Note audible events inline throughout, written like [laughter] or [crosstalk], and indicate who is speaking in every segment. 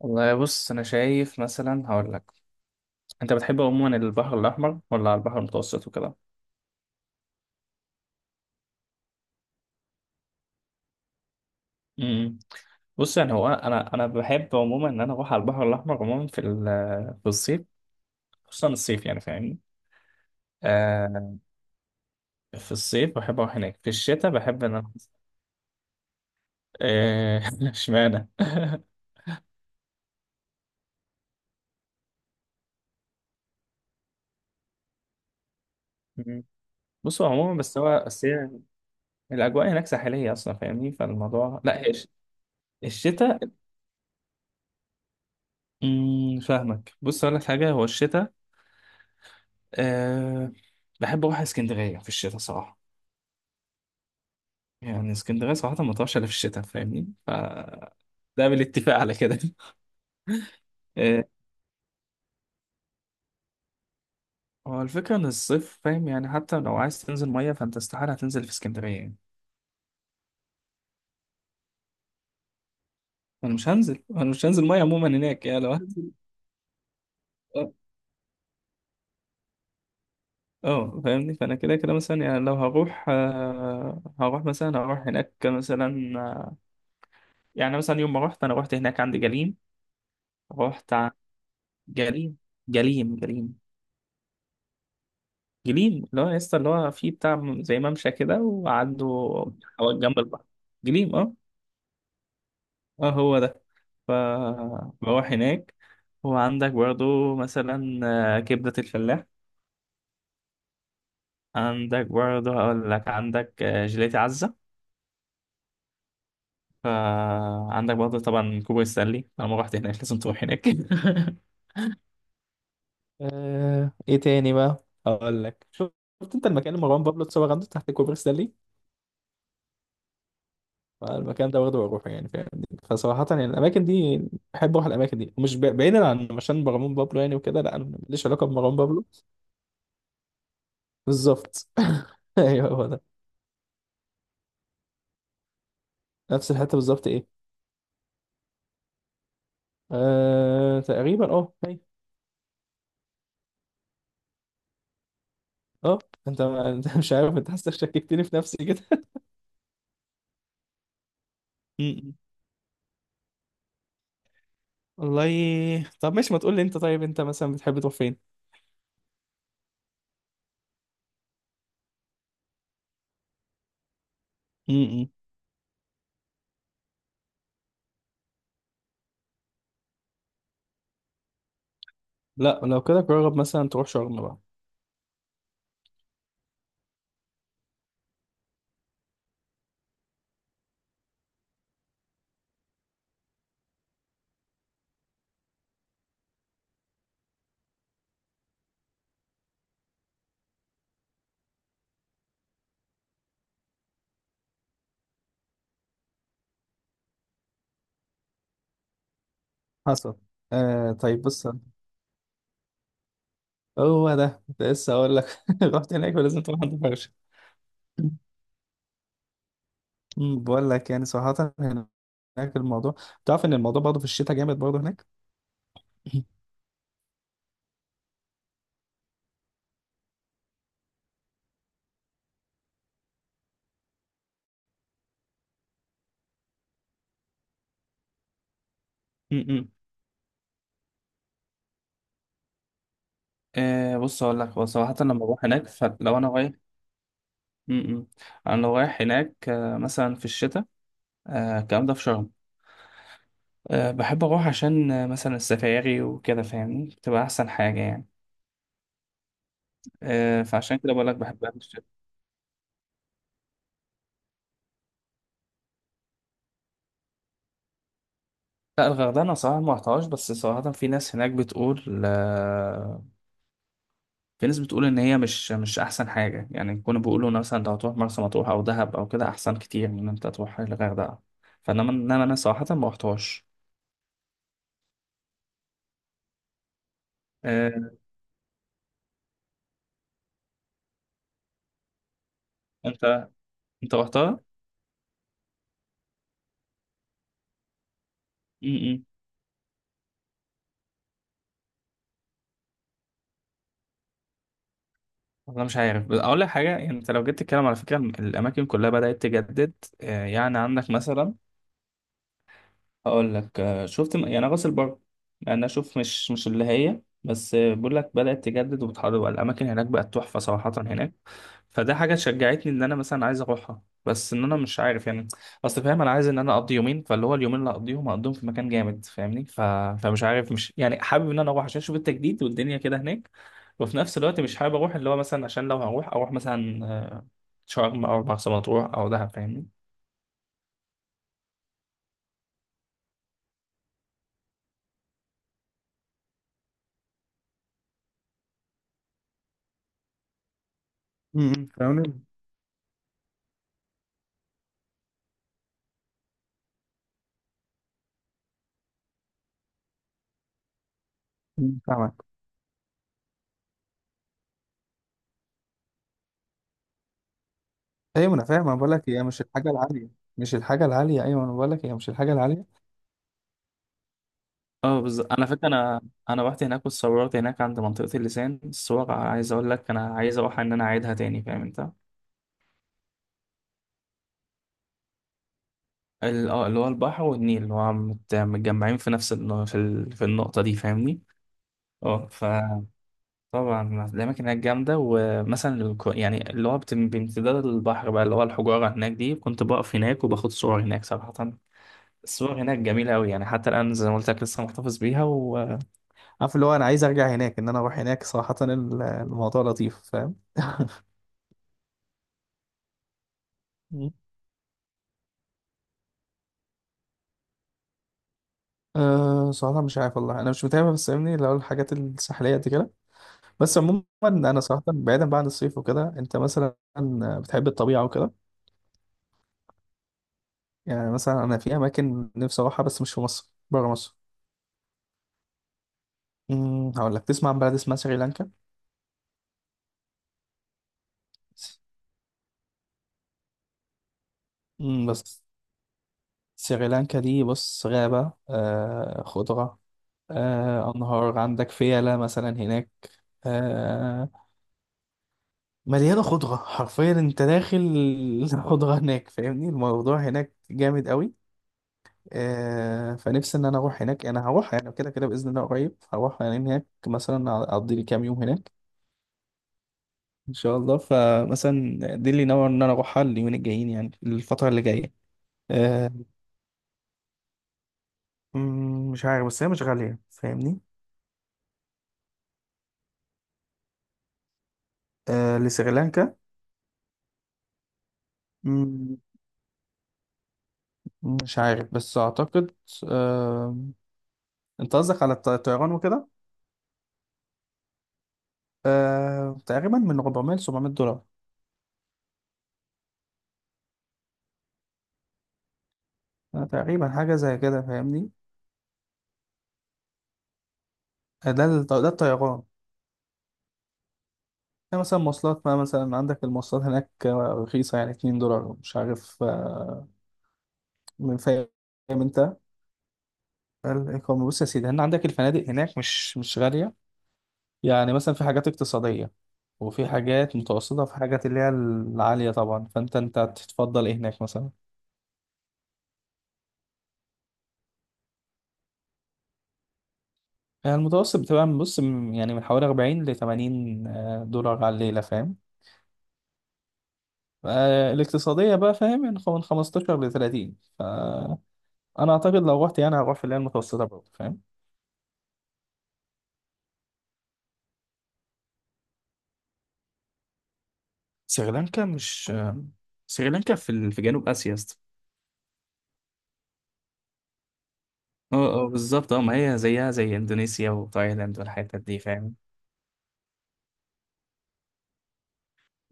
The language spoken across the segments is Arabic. Speaker 1: والله بص انا شايف مثلا هقول لك انت بتحب عموما البحر الاحمر ولا على البحر المتوسط وكده. امم بص يعني هو انا بحب عموما ان انا اروح على البحر الاحمر عموما في الصيف، خصوصا الصيف يعني فاهمني. آه في الصيف بحب اروح هناك، في الشتاء بحب ان انا آه، [laughs] اشمعنى [laughs] مم. بص هو عموما بس هي الاجواء هناك ساحليه اصلا فاهمني، فالموضوع لا هي الشتاء. فاهمك. بص اقول لك حاجه، هو الشتاء، أه بحب أروح اسكندرية في الشتاء صراحة. يعني اسكندرية صراحة ما تروحش إلا في الشتاء فاهمني، فده بالاتفاق على كده [laughs] أه هو الفكرة إن الصيف فاهم، يعني حتى لو عايز تنزل مية فأنت استحالة هتنزل في اسكندرية يعني. أنا مش هنزل مية عموما هناك يعني، لو هنزل. أه آه، فاهمني، فأنا كده كده مثلا يعني لو هروح أه هروح مثلا هروح هناك مثلا، يعني مثلا يوم ما رحت، أنا رحت هناك عند جليم. رحت ع- جليم. جليم جليم جليم اللي هو يا اسطى اللي هو فيه بتاع زي ممشى كده، وعنده حوالي جنب البحر، جليم، اه. اه هو ده، فبروح هناك. وعندك برضو مثلا كبدة الفلاح، عندك برضو هقول لك عندك جيلاتي عزة، فعندك برضو طبعا كوبري ستانلي، طالما رحت هناك لازم تروح هناك [laughs] ايه تاني بقى اقول لك، شفت انت المكان اللي مروان بابلو اتصور عنده تحت كوبري ستانلي؟ فالمكان ده واخده بروحه يعني فاهمني، فصراحة يعني الأماكن دي بحب أروح الأماكن دي، مش ب- بعيدا عن عشان مروان بابلو يعني وكده، لا أنا ماليش علاقة بمروان بابلو. بالظبط [laughs] أيوه هو ده، نفس الحتة بالظبط، إيه؟ تقريبا أه أيوه. أه أنت [laughs] أنت مش عارف، أنت حاسس شككتني في نفسي كده [laughs] م-م. والله طب ماشي، ما تقول لي أنت، طيب أنت مثلا بتحب تروح فين؟ م-م. لا لو كده جرب مثلا تروح شرم بقى. حصل. طيب بص، هو ده كنت لسه هقول لك [laughs] رحت هناك ولازم تروح عند فرشة. أمم، بقول لك يعني صراحة هناك الموضوع، تعرف ان الموضوع برضه في الشتاء جامد برضه هناك [laughs] م-م. مم. بص اقول لك، هو صراحه لما بروح هناك، فلو انا رايح، م-م، انا لو رايح هناك مثلا في الشتاء، الكلام ده في شرم، بحب اروح عشان مثلا السفاري وكده فاهمني، بتبقى احسن حاجه يعني. فعشان كده بقول لك بحبها في الشتاء. لا الغردقه انا صراحه ما رحتهاش، بس صراحه في ناس هناك بتقول في ناس بتقول ان هي مش احسن حاجه يعني، كنا بيقولوا مثلا لو هتروح مرسى مطروح او دهب او كده احسن كتير من ان انت تروح الغردقه، انما انا صراحه ما رحتهاش. آه، انت، انت رحتها؟ امم. والله مش عارف، بس اقول لك حاجه، يعني انت لو جيت تتكلم على فكره الاماكن كلها بدات تجدد. يعني عندك مثلا، هقول لك شفت يعني راس البر، انا اشوف مش اللي هي، بس بقول لك بدات تجدد وبتحضر الاماكن هناك بقت تحفه صراحه هناك، فده حاجة شجعتني ان انا مثلا عايز اروحها، بس ان انا مش عارف يعني. اصل فاهم انا عايز ان انا اقضي يومين، فاللي هو اليومين اللي اقضيهم اقضيهم في مكان جامد فاهمني ف... فمش عارف، مش يعني حابب ان انا اروح عشان اشوف التجديد والدنيا كده هناك، وفي نفس الوقت مش حابب اروح اللي هو مثلا، عشان لو هروح اروح مثلا شرم او مرسى مطروح او دهب فاهمني. امم، فاهمني. فاهمك. ايوه انا فاهم، انا بقول لك هي مش الحاجه العاليه، مش الحاجه العاليه، ايوه انا بقول لك هي مش الحاجه العاليه. اه بالظبط. انا فاكر انا انا رحت هناك واتصورت هناك عند منطقة اللسان، الصور عايز اقول لك انا عايز اروح ان انا اعيدها تاني فاهم انت؟ اللي هو البحر والنيل اللي هو متجمعين في نفس في النقطة دي فاهمني. اه فطبعا الأماكن هناك جامدة، ومثلا يعني اللي هو بامتداد البحر بقى، اللي هو الحجارة هناك دي كنت بقف هناك وباخد صور هناك صراحة. الصور هناك جميلة أوي يعني، حتى الآن زي ما قلت لك لسه محتفظ بيها وعارف اللي هو أنا عايز أرجع هناك، إن أنا أروح هناك صراحة. الموضوع لطيف فاهم؟ مم. أه صراحة مش عارف والله، أنا مش متابع بس فاهمني، اللي هو الحاجات الساحلية دي كده. بس عموما أنا صراحة بعيدا بقى عن الصيف وكده، أنت مثلا بتحب الطبيعة وكده؟ يعني مثلا أنا في أماكن نفسي أروحها بس مش في مصر، بره مصر. هقول لك، تسمع عن بلد اسمها سريلانكا؟ بس سريلانكا دي بص، غابة، خضرة، أنهار، عندك فيلة مثلا هناك، آه، مليانة خضرة حرفيا، انت داخل [laughs] الخضرة هناك فاهمني، الموضوع هناك جامد قوي. فنفسي ان انا اروح هناك، انا هروح يعني كده كده باذن الله، قريب هروح يعني هناك، مثلا اقضي لي كام يوم هناك ان شاء الله. فمثلا دي اللي ناوي ان انا اروحها اليومين الجايين، يعني الفترة اللي جاية. آه. مش عارف بس هي مش غالية فاهمني. آه لسريلانكا. مم، مش عارف بس اعتقد، آه، انت قصدك على الطيران وكده؟ آه تقريبا من 400 ل 700 دولار. تقريبا حاجة زي كده فاهمني. ده ده الطيران. يعني مثلا مواصلات بقى، مثلا عندك المواصلات هناك رخيصة يعني 2 دولار ومش عارف، من فاهم انت. الإقامة بص يا سيدي، هنا عندك الفنادق هناك مش غالية، يعني مثلا في حاجات اقتصادية وفي حاجات متوسطة وفي حاجات اللي هي العالية طبعا، فانت تتفضل ايه هناك مثلا. يعني المتوسط بتبقى يعني من حوالي 40 ل 80 دولار على الليلة فاهم. الاقتصادية بقى فاهم يعني، من 15 ل 30. انا اعتقد لو رحت يعني هروح في اللي هي المتوسطه برضه فاهم. سريلانكا مش، سريلانكا في جنوب آسيا يا اسطى. اه اه بالظبط، اه ما هي زيها زي اندونيسيا وتايلاند والحتت دي فاهم.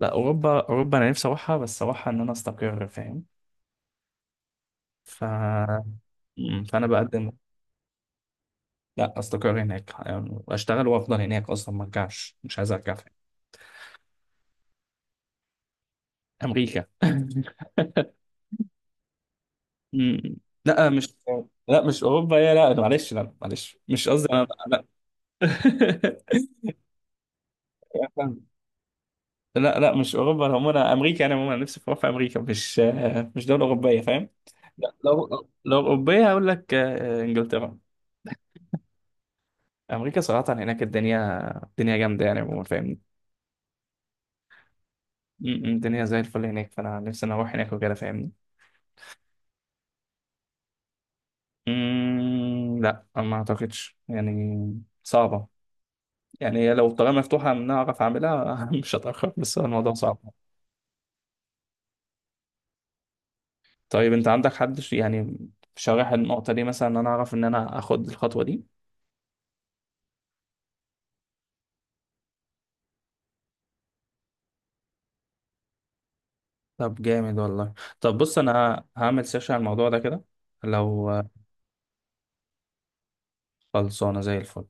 Speaker 1: لا اوروبا انا نفسي اروحها، بس اروحها ان انا استقر فاهم. ف فانا بقدم. لا استقر هناك يعني واشتغل وافضل هناك اصلا ما ارجعش، مش عايز ارجع فاهم. امريكا [laughs] مم. لا مش لا مش اوروبا يا، لا معلش مش قصدي انا، لا [laughs] لا مش اوروبا هم، انا عموما امريكا، انا عموما نفسي في امريكا، مش دوله اوروبيه فاهم. لا، لو اوروبيه هقول لك انجلترا. امريكا صراحه هناك الدنيا، الدنيا جامده يعني عموما فاهمني. م- م، الدنيا زي الفل هناك، فانا نفسي انا اروح هناك وكده فاهمني. م، لا أنا ما اعتقدش يعني صعبه. يعني هي لو الطريقه مفتوحه ان أنا اعرف اعملها [laughs] مش هتاخر، بس هو الموضوع صعب. طيب انت عندك حد يعني شارح النقطه دي مثلا، ان انا اعرف ان انا اخد الخطوه دي؟ طب جامد والله. طب بص انا هعمل سيرش على الموضوع ده كده، لو. خلصانه زي الفل.